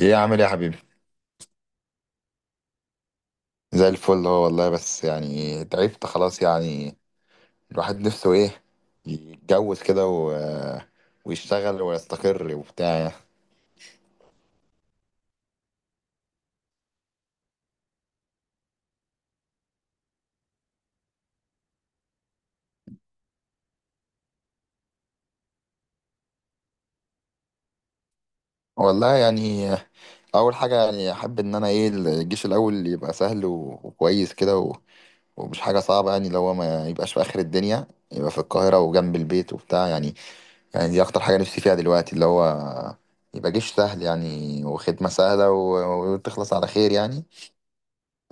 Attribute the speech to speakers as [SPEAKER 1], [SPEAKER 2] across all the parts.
[SPEAKER 1] ايه عامل ايه يا حبيبي؟ زي الفل هو والله، بس يعني تعبت خلاص يعني الواحد نفسه ايه؟ يتجوز كده ويشتغل ويستقر وبتاع. والله يعني اول حاجه، يعني احب ان انا ايه، الجيش الاول يبقى سهل وكويس كده ومش حاجه صعبه، يعني لو هو ما يبقاش في اخر الدنيا، يبقى في القاهره وجنب البيت وبتاع يعني. يعني دي اكتر حاجه نفسي فيها دلوقتي، اللي هو يبقى جيش سهل يعني، وخدمه سهله وتخلص على خير يعني.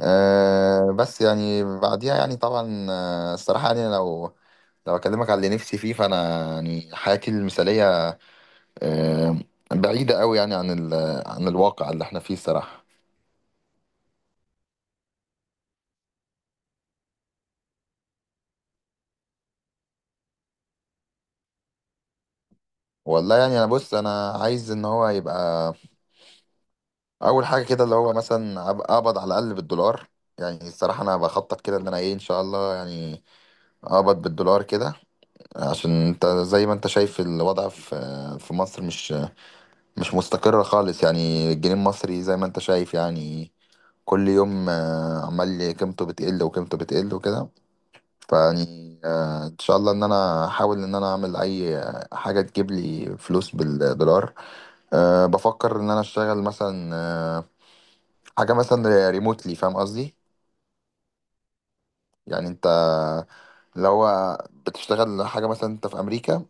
[SPEAKER 1] أه بس يعني بعديها، يعني طبعا، الصراحة يعني لو أكلمك على اللي نفسي فيه، فأنا يعني حياتي المثالية، أه، بعيدة قوي يعني عن عن الواقع اللي احنا فيه الصراحة. والله يعني أنا بص، أنا عايز إن هو يبقى أول حاجة كده، اللي هو مثلا أبقى أقبض على الأقل بالدولار. يعني الصراحة أنا بخطط كده إن أنا إيه، إن شاء الله يعني أقبض بالدولار كده، عشان أنت زي ما أنت شايف الوضع في مصر مش مستقرة خالص. يعني الجنيه المصري زي ما انت شايف يعني، كل يوم عمال قيمته بتقل وقيمته بتقل وكده. فيعني ان شاء الله ان انا احاول ان انا اعمل اي حاجة تجيب لي فلوس بالدولار. أه، بفكر ان انا اشتغل مثلا، أه، حاجة مثلا ريموتلي، فاهم قصدي؟ يعني انت لو بتشتغل حاجة مثلا، انت في امريكا،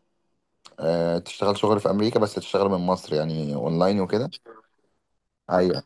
[SPEAKER 1] أه، تشتغل شغل في امريكا بس تشتغل من مصر، يعني اونلاين وكده. ايوه.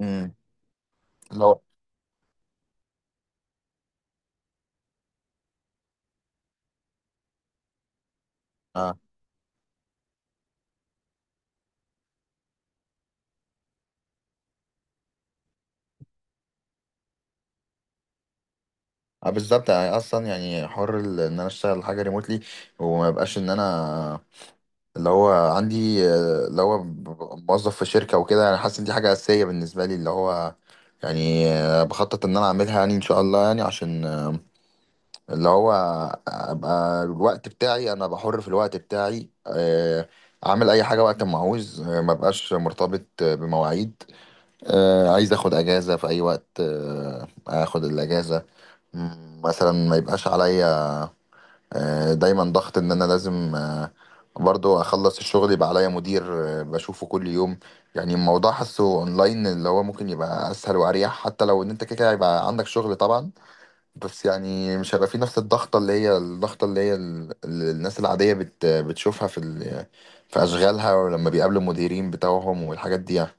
[SPEAKER 1] امم. لو. اه بالظبط، يعني اصلا يعني حر ان انا اشتغل حاجه ريموتلي، وما يبقاش ان انا اللي هو عندي، اللي هو ببقى موظف في شركه وكده. انا حاسس ان دي حاجه اساسيه بالنسبه لي، اللي هو يعني بخطط ان انا اعملها يعني ان شاء الله يعني، عشان اللي هو ابقى الوقت بتاعي، انا بحر في الوقت بتاعي، اعمل اي حاجه وقت ما عاوز، ما بقاش مرتبط بمواعيد، عايز اخد اجازه في اي وقت، اخد الاجازه. مثلا ما يبقاش عليا دايما ضغط ان انا لازم برضو اخلص الشغل، يبقى عليا مدير بشوفه كل يوم. يعني الموضوع، حاسه اونلاين اللي هو ممكن يبقى اسهل واريح، حتى لو ان انت كده كده هيبقى عندك شغل طبعا، بس يعني مش هيبقى في نفس الضغطة، اللي هي الضغطة اللي هي اللي الناس العادية بتشوفها في في اشغالها، ولما بيقابلوا المديرين بتوعهم والحاجات دي يعني.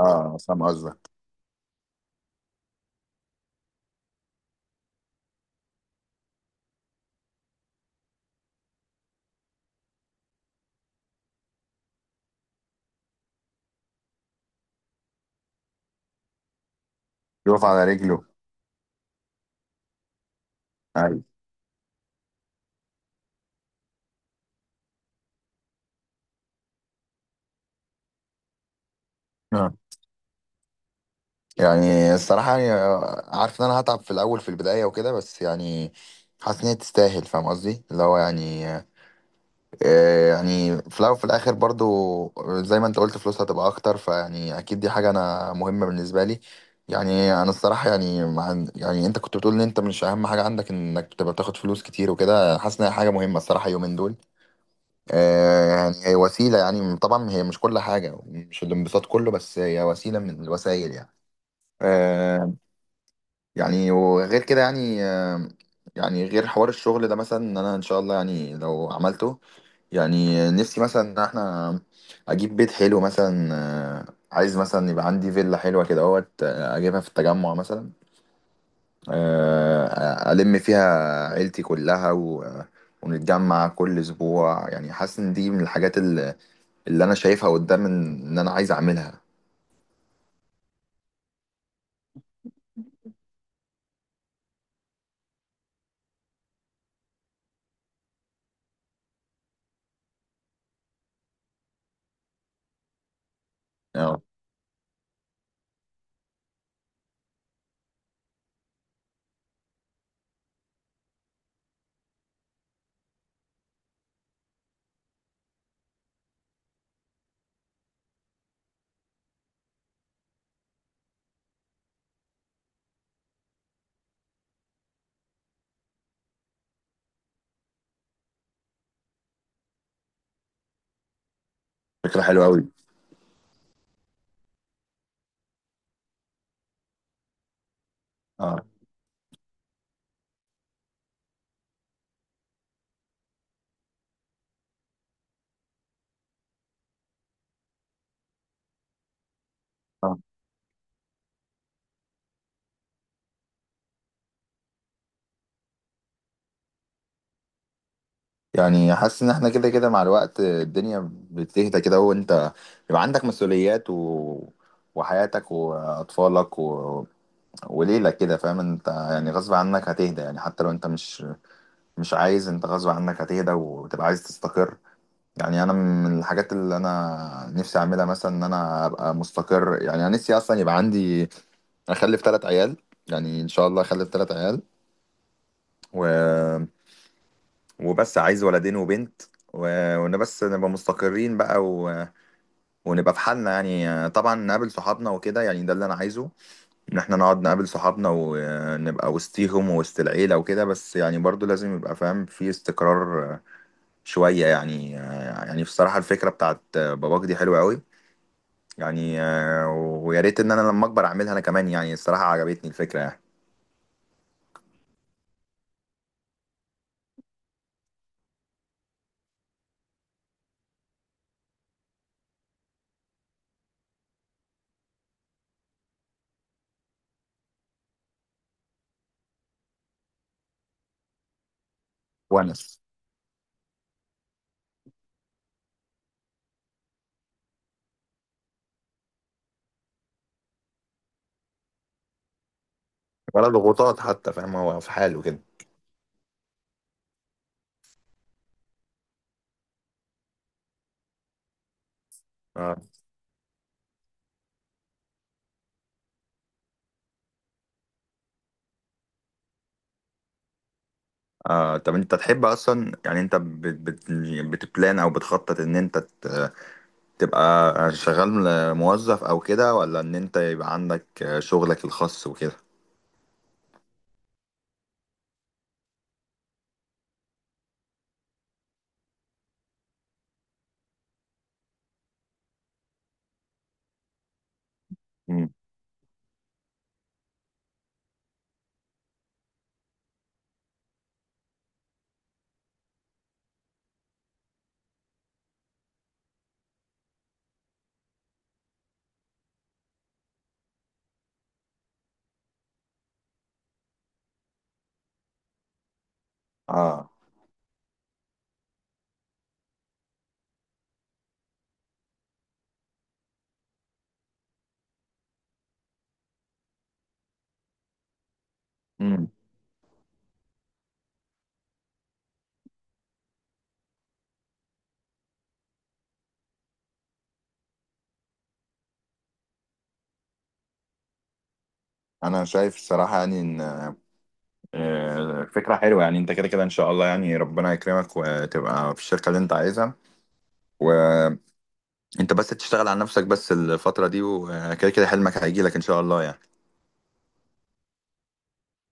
[SPEAKER 1] اه فاهم قصدك. يقف على رجله. ايوه. يعني الصراحة يعني، عارف إن أنا هتعب في الأول في البداية وكده، بس يعني حاسس إن هي تستاهل، فاهم قصدي؟ اللي هو يعني يعني في الأول وفي الآخر برضو، زي ما أنت قلت فلوسها هتبقى أكتر، فيعني أكيد دي حاجة أنا مهمة بالنسبة لي. يعني أنا الصراحة يعني، مع يعني أنت كنت بتقول إن أنت مش أهم حاجة عندك إنك تبقى بتاخد فلوس كتير وكده، حاسس إن هي حاجة مهمة الصراحة يومين دول. يعني هي وسيلة، يعني طبعا هي مش كل حاجة، مش الانبساط كله، بس هي وسيلة من الوسائل يعني. آه، يعني وغير كده يعني، يعني غير حوار الشغل ده مثلا، ان انا ان شاء الله يعني لو عملته، يعني نفسي مثلا ان احنا اجيب بيت حلو مثلا. عايز مثلا يبقى عندي فيلا حلوة كده اهوت، اجيبها في التجمع مثلا، الم فيها عيلتي كلها، و ونتجمع كل اسبوع. يعني حاسس ان دي من الحاجات اللي، اللي انا شايفها قدام، ان إن انا عايز اعملها. آه، فكرة حلوة قوي. اه. آه. يعني حاسس ان احنا كده كده مع الوقت الدنيا بتهدى كده، وانت يبقى عندك مسؤوليات وحياتك واطفالك وليلك كده، فاهم انت؟ يعني غصب عنك هتهدى، يعني حتى لو انت مش عايز، انت غصب عنك هتهدى وتبقى عايز تستقر. يعني انا من الحاجات اللي انا نفسي اعملها مثلا ان انا ابقى مستقر. يعني انا نفسي اصلا يبقى عندي، اخلف 3 عيال، يعني ان شاء الله اخلف 3 عيال، و وبس عايز ولدين وبنت، وان بس نبقى مستقرين بقى ونبقى في حالنا. يعني طبعا نقابل صحابنا وكده، يعني ده اللي انا عايزه، ان احنا نقعد نقابل صحابنا ونبقى وسطيهم ووسط العيلة وكده، بس يعني برضو لازم يبقى فاهم في استقرار شوية يعني. يعني بصراحة الفكرة بتاعت باباك دي حلوة قوي يعني، ويا ريت ان انا لما اكبر اعملها انا كمان. يعني الصراحة عجبتني الفكرة يعني. ونس. ولا ضغوطات حتى، فاهم هو في حاله كده. آه، طب انت تحب اصلا، يعني انت بت بت بتبلان او بتخطط ان انت تبقى شغال موظف او كده، ولا ان انت يبقى عندك شغلك الخاص وكده؟ مم. اه. مم. انا شايف الصراحه يعني ان فكره حلوه. يعني انت كده كده ان شاء الله يعني ربنا يكرمك وتبقى في الشركه اللي انت عايزها، وانت بس تشتغل على نفسك بس الفتره دي، وكده كده حلمك هيجي لك ان شاء الله يعني.